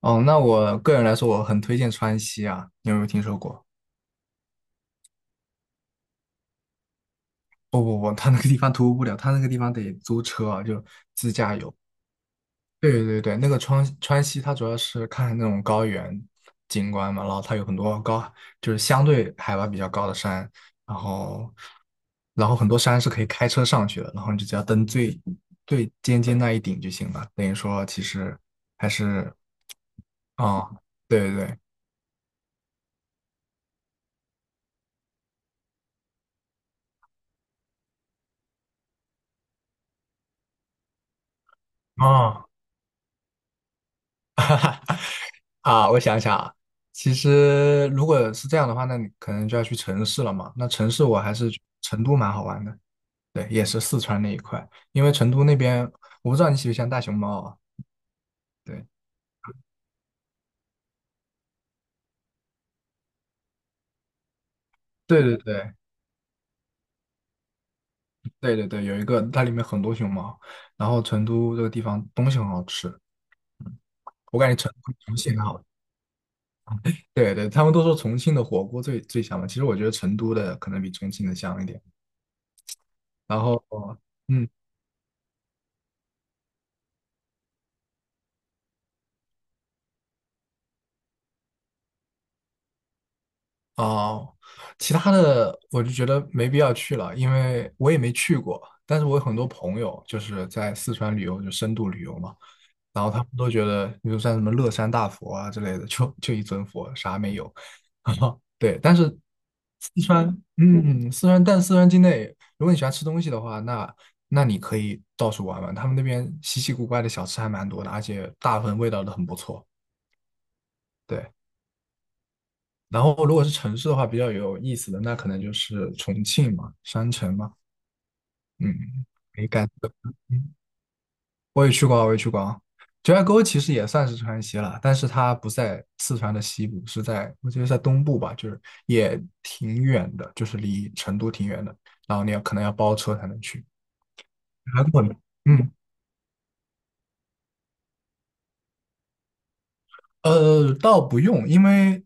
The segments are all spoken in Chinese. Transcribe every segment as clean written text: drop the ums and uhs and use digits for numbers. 哦，那我个人来说，我很推荐川西啊，你有没有听说过？不不不，他那个地方徒步不了，他那个地方得租车啊，就自驾游。对对对，那个川西，它主要是看那种高原景观嘛，然后它有很多高，就是相对海拔比较高的山，然后然后很多山是可以开车上去的，然后你就只要登最最尖尖那一顶就行了。等于说，其实还是啊、对对对，啊、啊，我想想啊，其实如果是这样的话，那你可能就要去城市了嘛。那城市我还是成都蛮好玩的，对，也是四川那一块，因为成都那边我不知道你喜不喜欢大熊猫啊。对，对对对对对对，有一个它里面很多熊猫，然后成都这个地方东西很好吃，我感觉成都比重庆还好。对对，他们都说重庆的火锅最最香嘛，其实我觉得成都的可能比重庆的香一点。然后，嗯，哦，其他的我就觉得没必要去了，因为我也没去过。但是我有很多朋友就是在四川旅游，就深度旅游嘛，然后他们都觉得，比如像什么乐山大佛啊之类的，就一尊佛，啥没有。对，但是四川，嗯，四川，但四川境内，如果你喜欢吃东西的话，那你可以到处玩玩，他们那边稀奇古怪的小吃还蛮多的，而且大部分味道都很不错。对。然后如果是城市的话，比较有意思的那可能就是重庆嘛，山城嘛，嗯，没感觉。我也去过啊，我也去过啊。九寨沟其实也算是川西了，但是它不在四川的西部，是在我觉得在东部吧，就是也挺远的，就是离成都挺远的，然后你要可能要包车才能去。还过呢，嗯，倒不用，因为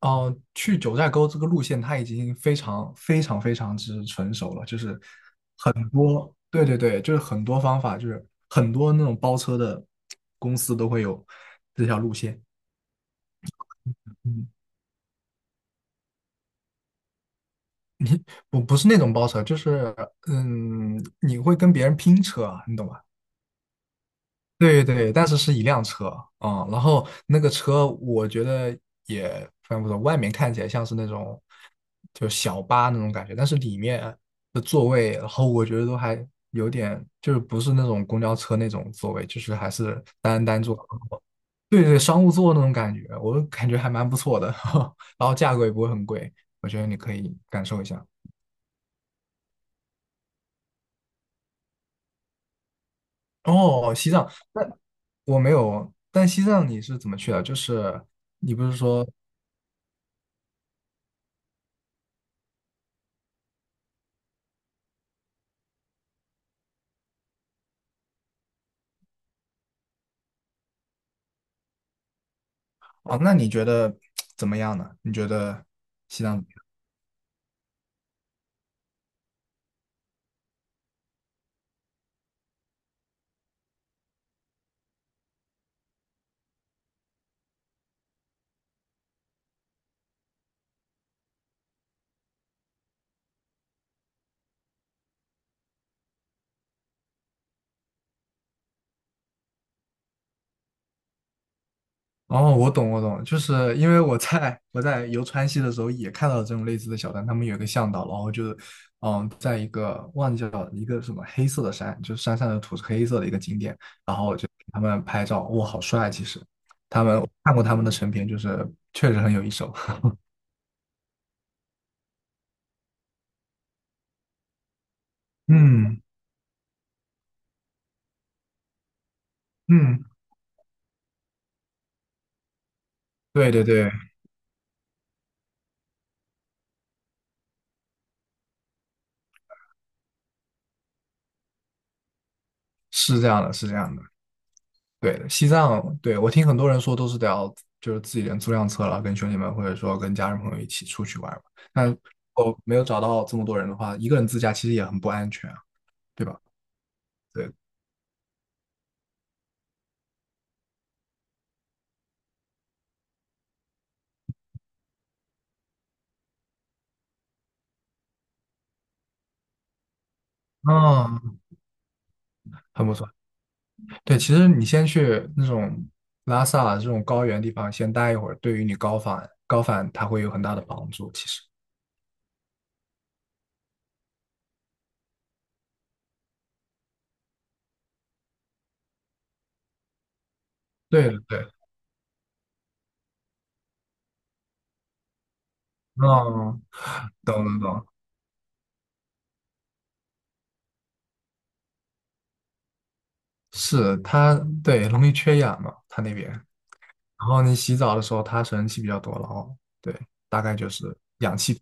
去九寨沟这个路线它已经非常非常非常之成熟了，就是对对对，就是很多方法，就是很多那种包车的公司都会有这条路线。嗯，不是那种包车，就是你会跟别人拼车啊，你懂吧？对对，但是是一辆车啊、然后那个车我觉得也非常不错，外面看起来像是那种就小巴那种感觉，但是里面的座位，然后我觉得都还有点就是不是那种公交车那种座位，就是还是单座，对对，商务座那种感觉，我感觉还蛮不错的，然后价格也不会很贵，我觉得你可以感受一下。哦，西藏，那我没有，但西藏你是怎么去的？就是你不是说哦，那你觉得怎么样呢？你觉得西藏怎么样？哦，我懂，我懂，就是因为我在游川西的时候也看到了这种类似的小站，他们有一个向导，然后就是，嗯，在一个忘记了一个什么黑色的山，就是山上的土是黑色的一个景点，然后就给他们拍照，哇，好帅！其实我看过他们的成片，就是确实很有一手。嗯嗯，对对对，是这样的，是这样的。对，西藏，对，我听很多人说都是得要就是自己人租辆车了，跟兄弟们或者说跟家人朋友一起出去玩嘛。那我没有找到这么多人的话，一个人自驾其实也很不安全啊，对吧？对，嗯，很不错。对，其实你先去那种拉萨啊这种高原地方先待一会儿，对于你高反高反它会有很大的帮助。其实，对的对的，嗯，懂懂懂，是它对容易缺氧嘛，它那边。然后你洗澡的时候，他水蒸气比较多了哦。对，大概就是氧气瓶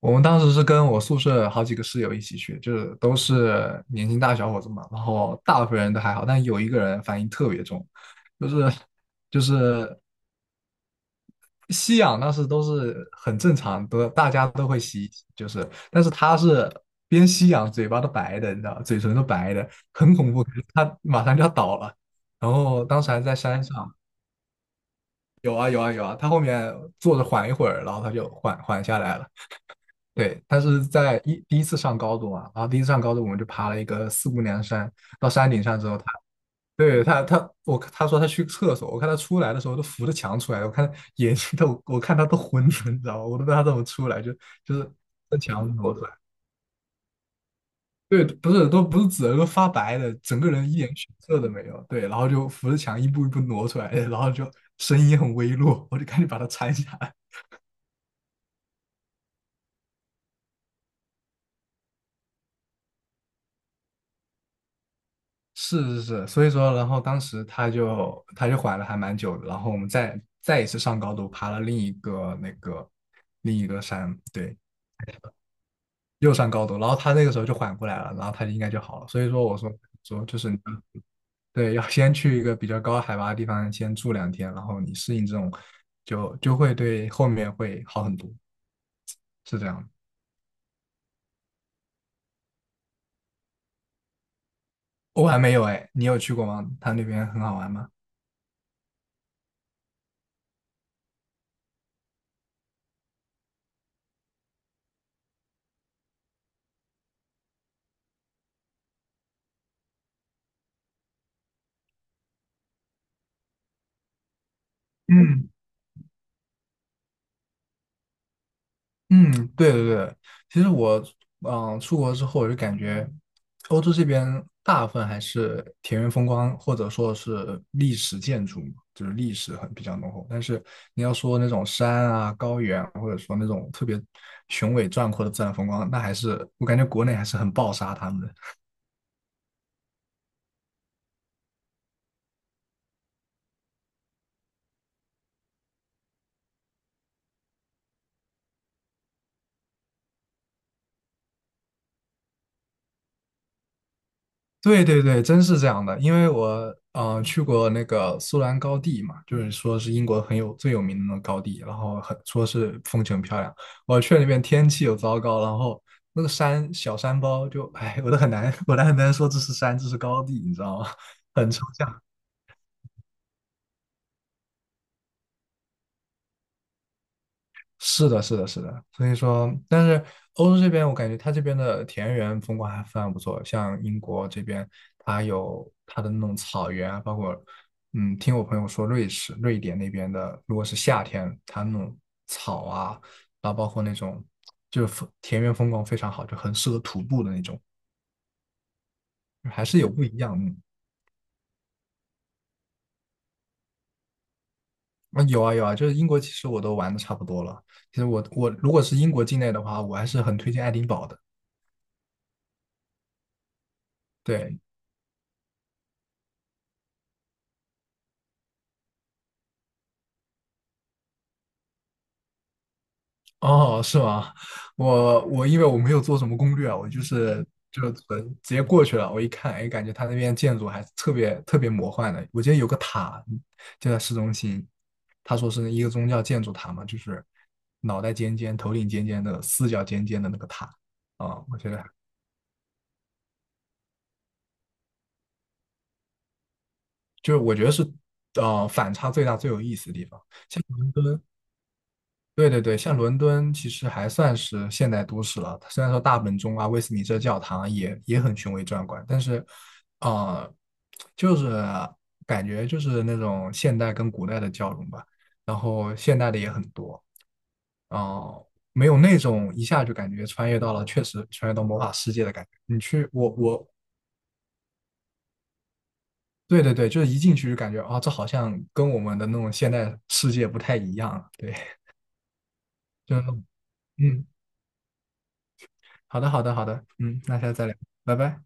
我们当时是跟我宿舍好几个室友一起去，就是都是年轻大小伙子嘛，然后大部分人都还好，但有一个人反应特别重，就是就是吸氧，当时都是很正常的，大家都会吸，就是，但是他是边吸氧，嘴巴都白的，你知道，嘴唇都白的，很恐怖，他马上就要倒了。然后当时还在山上，有啊有啊有啊，他后面坐着缓一会儿，然后他就缓缓下来了。对，他是在一第一次上高中啊，然后第一次上高中我们就爬了一个四姑娘山，到山顶上之后，他对他他我他说他去厕所，我看他出来的时候都扶着墙出来，我看眼睛都我看他都昏了，你知道吗？我都不知道他怎么出来，就是在墙挪出来。对，不是都不是紫的，都发白的，整个人一点血色都没有。对，然后就扶着墙一步一步挪出来，然后就声音很微弱，我就赶紧把他搀下来。是是是，所以说，然后当时他就缓了还蛮久的，然后我们再一次上高度，爬了另一个那个另一个山，对，又上高度，然后他那个时候就缓过来了，然后他应该就好了。所以说，我说说就是你对，要先去一个比较高海拔的地方先住两天，然后你适应这种，就会对后面会好很多，是这样的。我还没有哎，你有去过吗？他那边很好玩吗？嗯。嗯，对对对，其实我出国之后，我就感觉欧洲这边大部分还是田园风光，或者说是历史建筑嘛，就是历史很比较浓厚。但是你要说那种山啊、高原啊，或者说那种特别雄伟壮阔的自然风光，那还是我感觉国内还是很暴杀他们的。对对对，真是这样的。因为我去过那个苏兰高地嘛，就是说是英国很有最有名的那种高地，然后很说是风景很漂亮。我去了那边天气又糟糕，然后那个山小山包就哎，我都很难，我都很难说这是山，这是高地，你知道吗？很是的，是的，是的，所以说，但是欧洲这边，我感觉它这边的田园风光还非常不错。像英国这边，它有它的那种草原啊，包括，嗯，听我朋友说，瑞士、瑞典那边的，如果是夏天，它那种草啊，然后包括那种就是田园风光非常好，就很适合徒步的那种，还是有不一样的。嗯，有啊有啊，就是英国其实我都玩的差不多了。其实我如果是英国境内的话，我还是很推荐爱丁堡的。对，哦，是吗？我因为我没有做什么攻略啊，我就是就纯直接过去了。我一看，哎，感觉他那边建筑还是特别特别魔幻的。我记得有个塔就在市中心，他说是一个宗教建筑塔嘛，就是脑袋尖尖、头顶尖尖的、四角尖尖的那个塔啊，我觉得就是我觉得是反差最大、最有意思的地方。对对对，像伦敦其实还算是现代都市了，虽然说大本钟啊、威斯敏斯特教堂啊也很雄伟壮观，但是，啊，就是感觉就是那种现代跟古代的交融吧，然后现代的也很多，哦、没有那种一下就感觉穿越到了，确实穿越到魔法世界的感觉。你去，对对对，就是一进去就感觉啊、这好像跟我们的那种现代世界不太一样，对，就是那种嗯。好的，好的，好的，嗯，那下次再聊，拜拜。